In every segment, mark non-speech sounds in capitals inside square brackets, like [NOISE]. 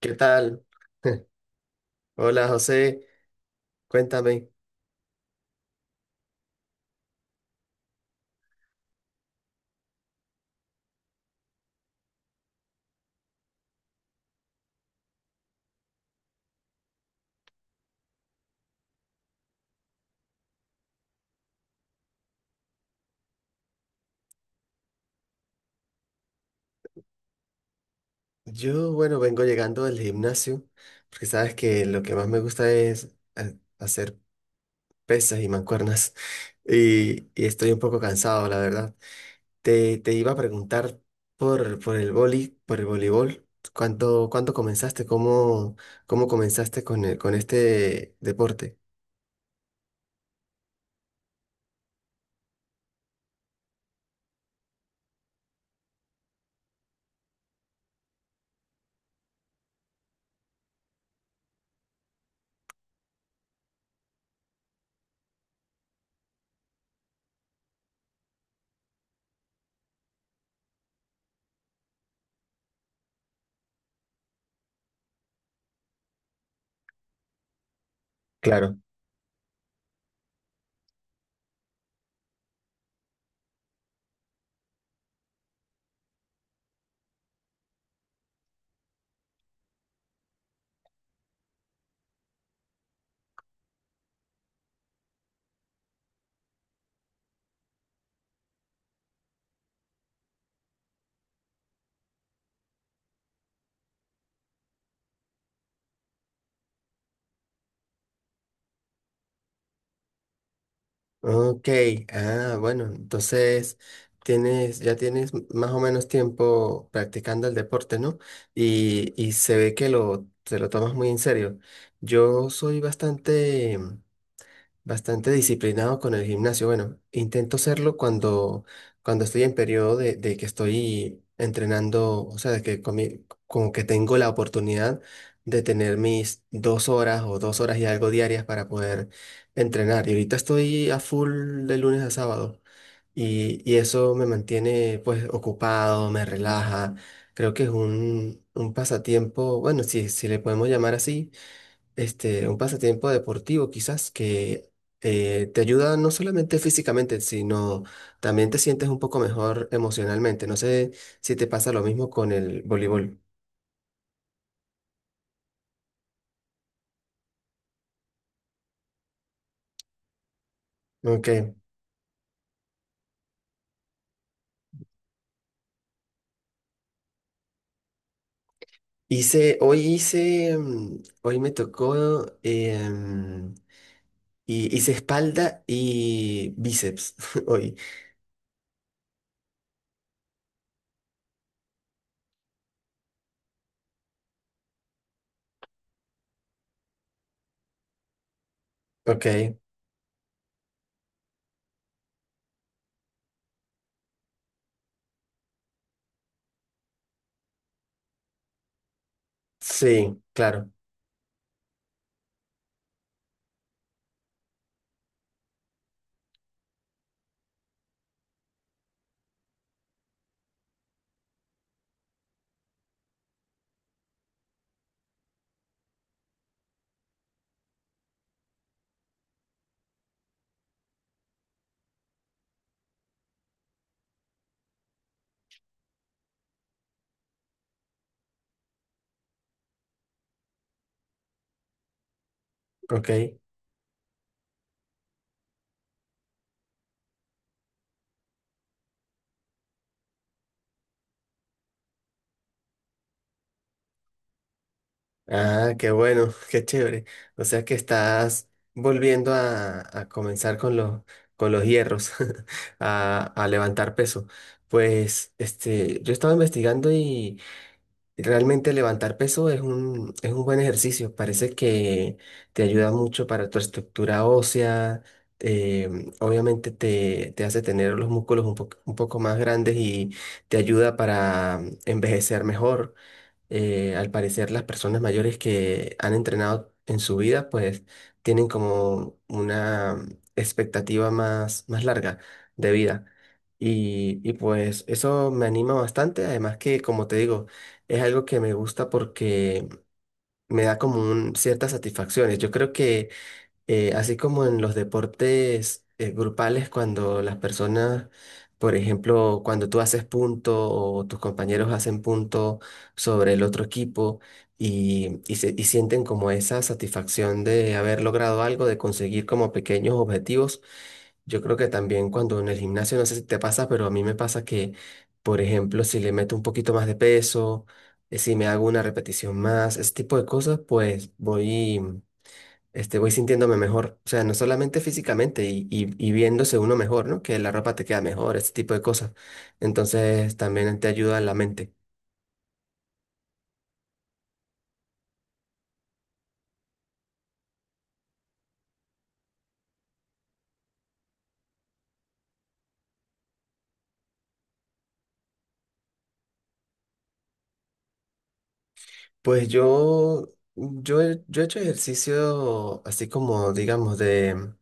¿Qué tal? [LAUGHS] Hola José, cuéntame. Yo, bueno, vengo llegando del gimnasio, porque sabes que lo que más me gusta es hacer pesas y mancuernas, [LAUGHS] y estoy un poco cansado, la verdad. Te iba a preguntar por el vóley, por el voleibol. ¿Cuándo comenzaste? ¿Cómo comenzaste con este deporte? Claro. Ok, ah, bueno, entonces ya tienes más o menos tiempo practicando el deporte, ¿no? Y se ve que te lo tomas muy en serio. Yo soy bastante disciplinado con el gimnasio. Bueno, intento serlo cuando estoy en periodo de que estoy entrenando, o sea, de que como que tengo la oportunidad de tener mis 2 horas o 2 horas y algo diarias para poder entrenar. Y ahorita estoy a full de lunes a sábado y eso me mantiene pues ocupado, me relaja. Creo que es un pasatiempo, bueno, si le podemos llamar así, un pasatiempo deportivo quizás que te ayuda no solamente físicamente, sino también te sientes un poco mejor emocionalmente. No sé si te pasa lo mismo con el voleibol. Ok. Hice, hoy hice, mm, hoy me tocó, em, y hice espalda y bíceps [LAUGHS] hoy. Ok. Sí, claro. Ok. Ah, qué bueno, [LAUGHS] qué chévere. O sea que estás volviendo a comenzar con los hierros, [LAUGHS] a levantar peso. Pues yo estaba investigando y realmente levantar peso es un buen ejercicio. Parece que te ayuda mucho para tu estructura ósea. eh, Obviamente te hace tener los músculos un poco más grandes y te ayuda para envejecer mejor. Al parecer, las personas mayores que han entrenado en su vida, pues, tienen como una expectativa más larga de vida. Y pues eso me anima bastante, además que, como te digo, es algo que me gusta porque me da como ciertas satisfacciones. Yo creo que, así como en los deportes grupales, cuando las personas, por ejemplo, cuando tú haces punto o tus compañeros hacen punto sobre el otro equipo, y sienten como esa satisfacción de haber logrado algo, de conseguir como pequeños objetivos. Yo creo que también, cuando en el gimnasio, no sé si te pasa, pero a mí me pasa que, por ejemplo, si le meto un poquito más de peso, si me hago una repetición más, ese tipo de cosas, pues voy sintiéndome mejor. O sea, no solamente físicamente y viéndose uno mejor, ¿no? Que la ropa te queda mejor, ese tipo de cosas. Entonces, también te ayuda la mente. Pues yo he hecho ejercicio así como, digamos, de...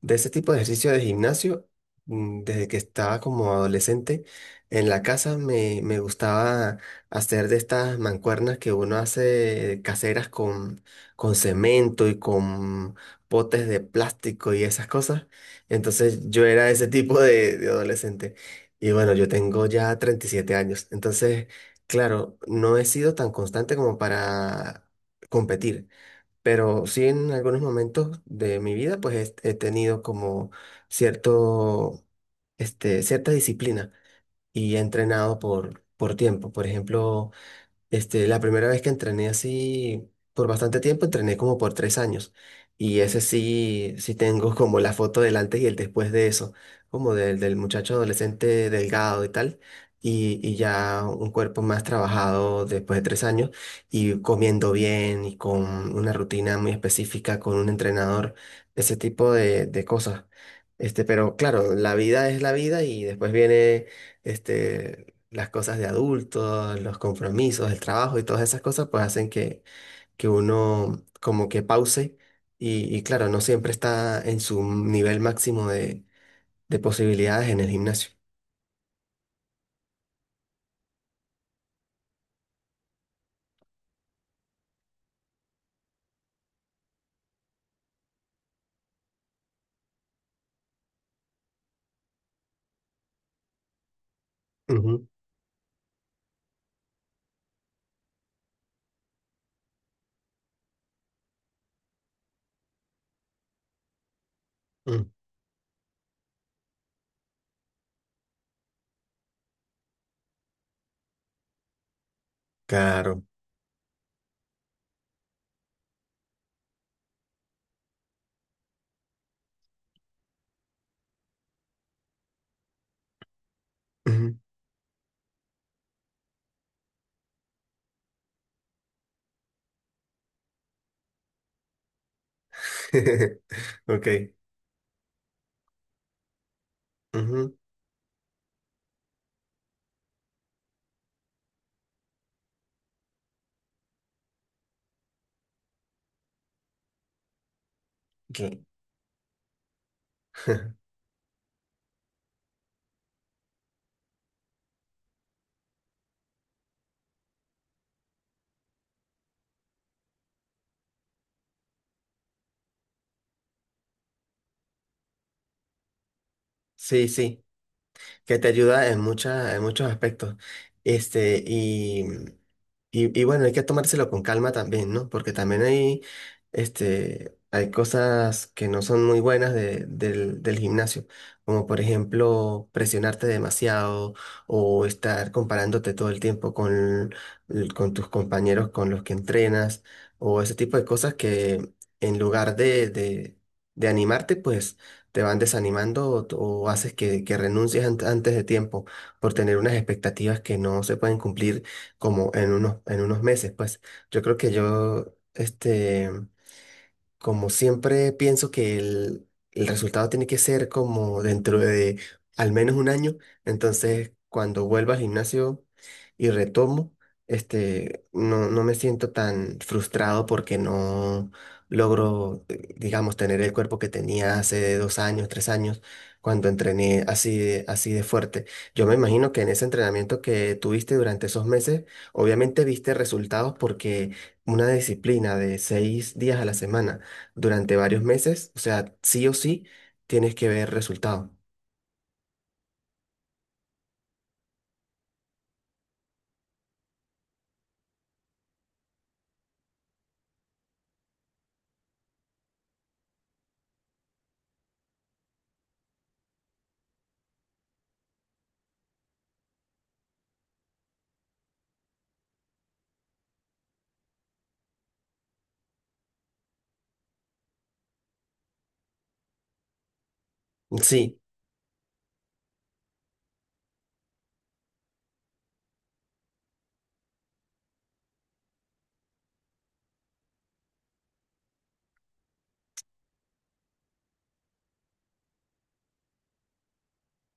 de ese tipo de ejercicio de gimnasio, desde que estaba como adolescente. En la casa me gustaba hacer de estas mancuernas que uno hace caseras con cemento y con potes de plástico y esas cosas. Entonces yo era ese tipo de adolescente. Y bueno, yo tengo ya 37 años. Entonces, claro, no he sido tan constante como para competir. Pero sí, en algunos momentos de mi vida, pues he tenido como cierto, cierta disciplina, y he entrenado por tiempo. Por ejemplo, la primera vez que entrené así por bastante tiempo, entrené como por 3 años. Y ese sí, sí tengo como la foto del antes y el después de eso, como del muchacho adolescente delgado y tal. Y ya un cuerpo más trabajado después de 3 años y comiendo bien y con una rutina muy específica, con un entrenador, ese tipo de cosas. Pero claro, la vida es la vida, y después viene, este, las cosas de adultos, los compromisos, el trabajo y todas esas cosas, pues hacen que uno como que pause y claro, no siempre está en su nivel máximo de posibilidades en el gimnasio. Ujú, mm, claro. Ujú. [LAUGHS] Ok. Ujú, ok. [LAUGHS] Sí, sí. Que te ayuda en muchas, en muchos aspectos. Este, y, y bueno, hay que tomárselo con calma también, ¿no? Porque también hay cosas que no son muy buenas del gimnasio, como, por ejemplo, presionarte demasiado o estar comparándote todo el tiempo con tus compañeros, con los que entrenas, o ese tipo de cosas que, en lugar de de animarte, pues te van desanimando, o haces que renuncies antes de tiempo por tener unas expectativas que no se pueden cumplir como en en unos meses. Pues yo creo que yo, este como siempre pienso que el resultado tiene que ser como dentro de al menos un año, entonces, cuando vuelva al gimnasio y retomo, no, no me siento tan frustrado porque no logro, digamos, tener el cuerpo que tenía hace 2 años, 3 años, cuando entrené así de fuerte. Yo me imagino que en ese entrenamiento que tuviste durante esos meses, obviamente viste resultados, porque una disciplina de 6 días a la semana durante varios meses, o sea, sí o sí, tienes que ver resultado. Sí,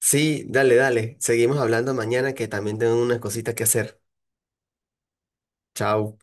sí, dale, dale. Seguimos hablando mañana, que también tengo unas cositas que hacer. Chao.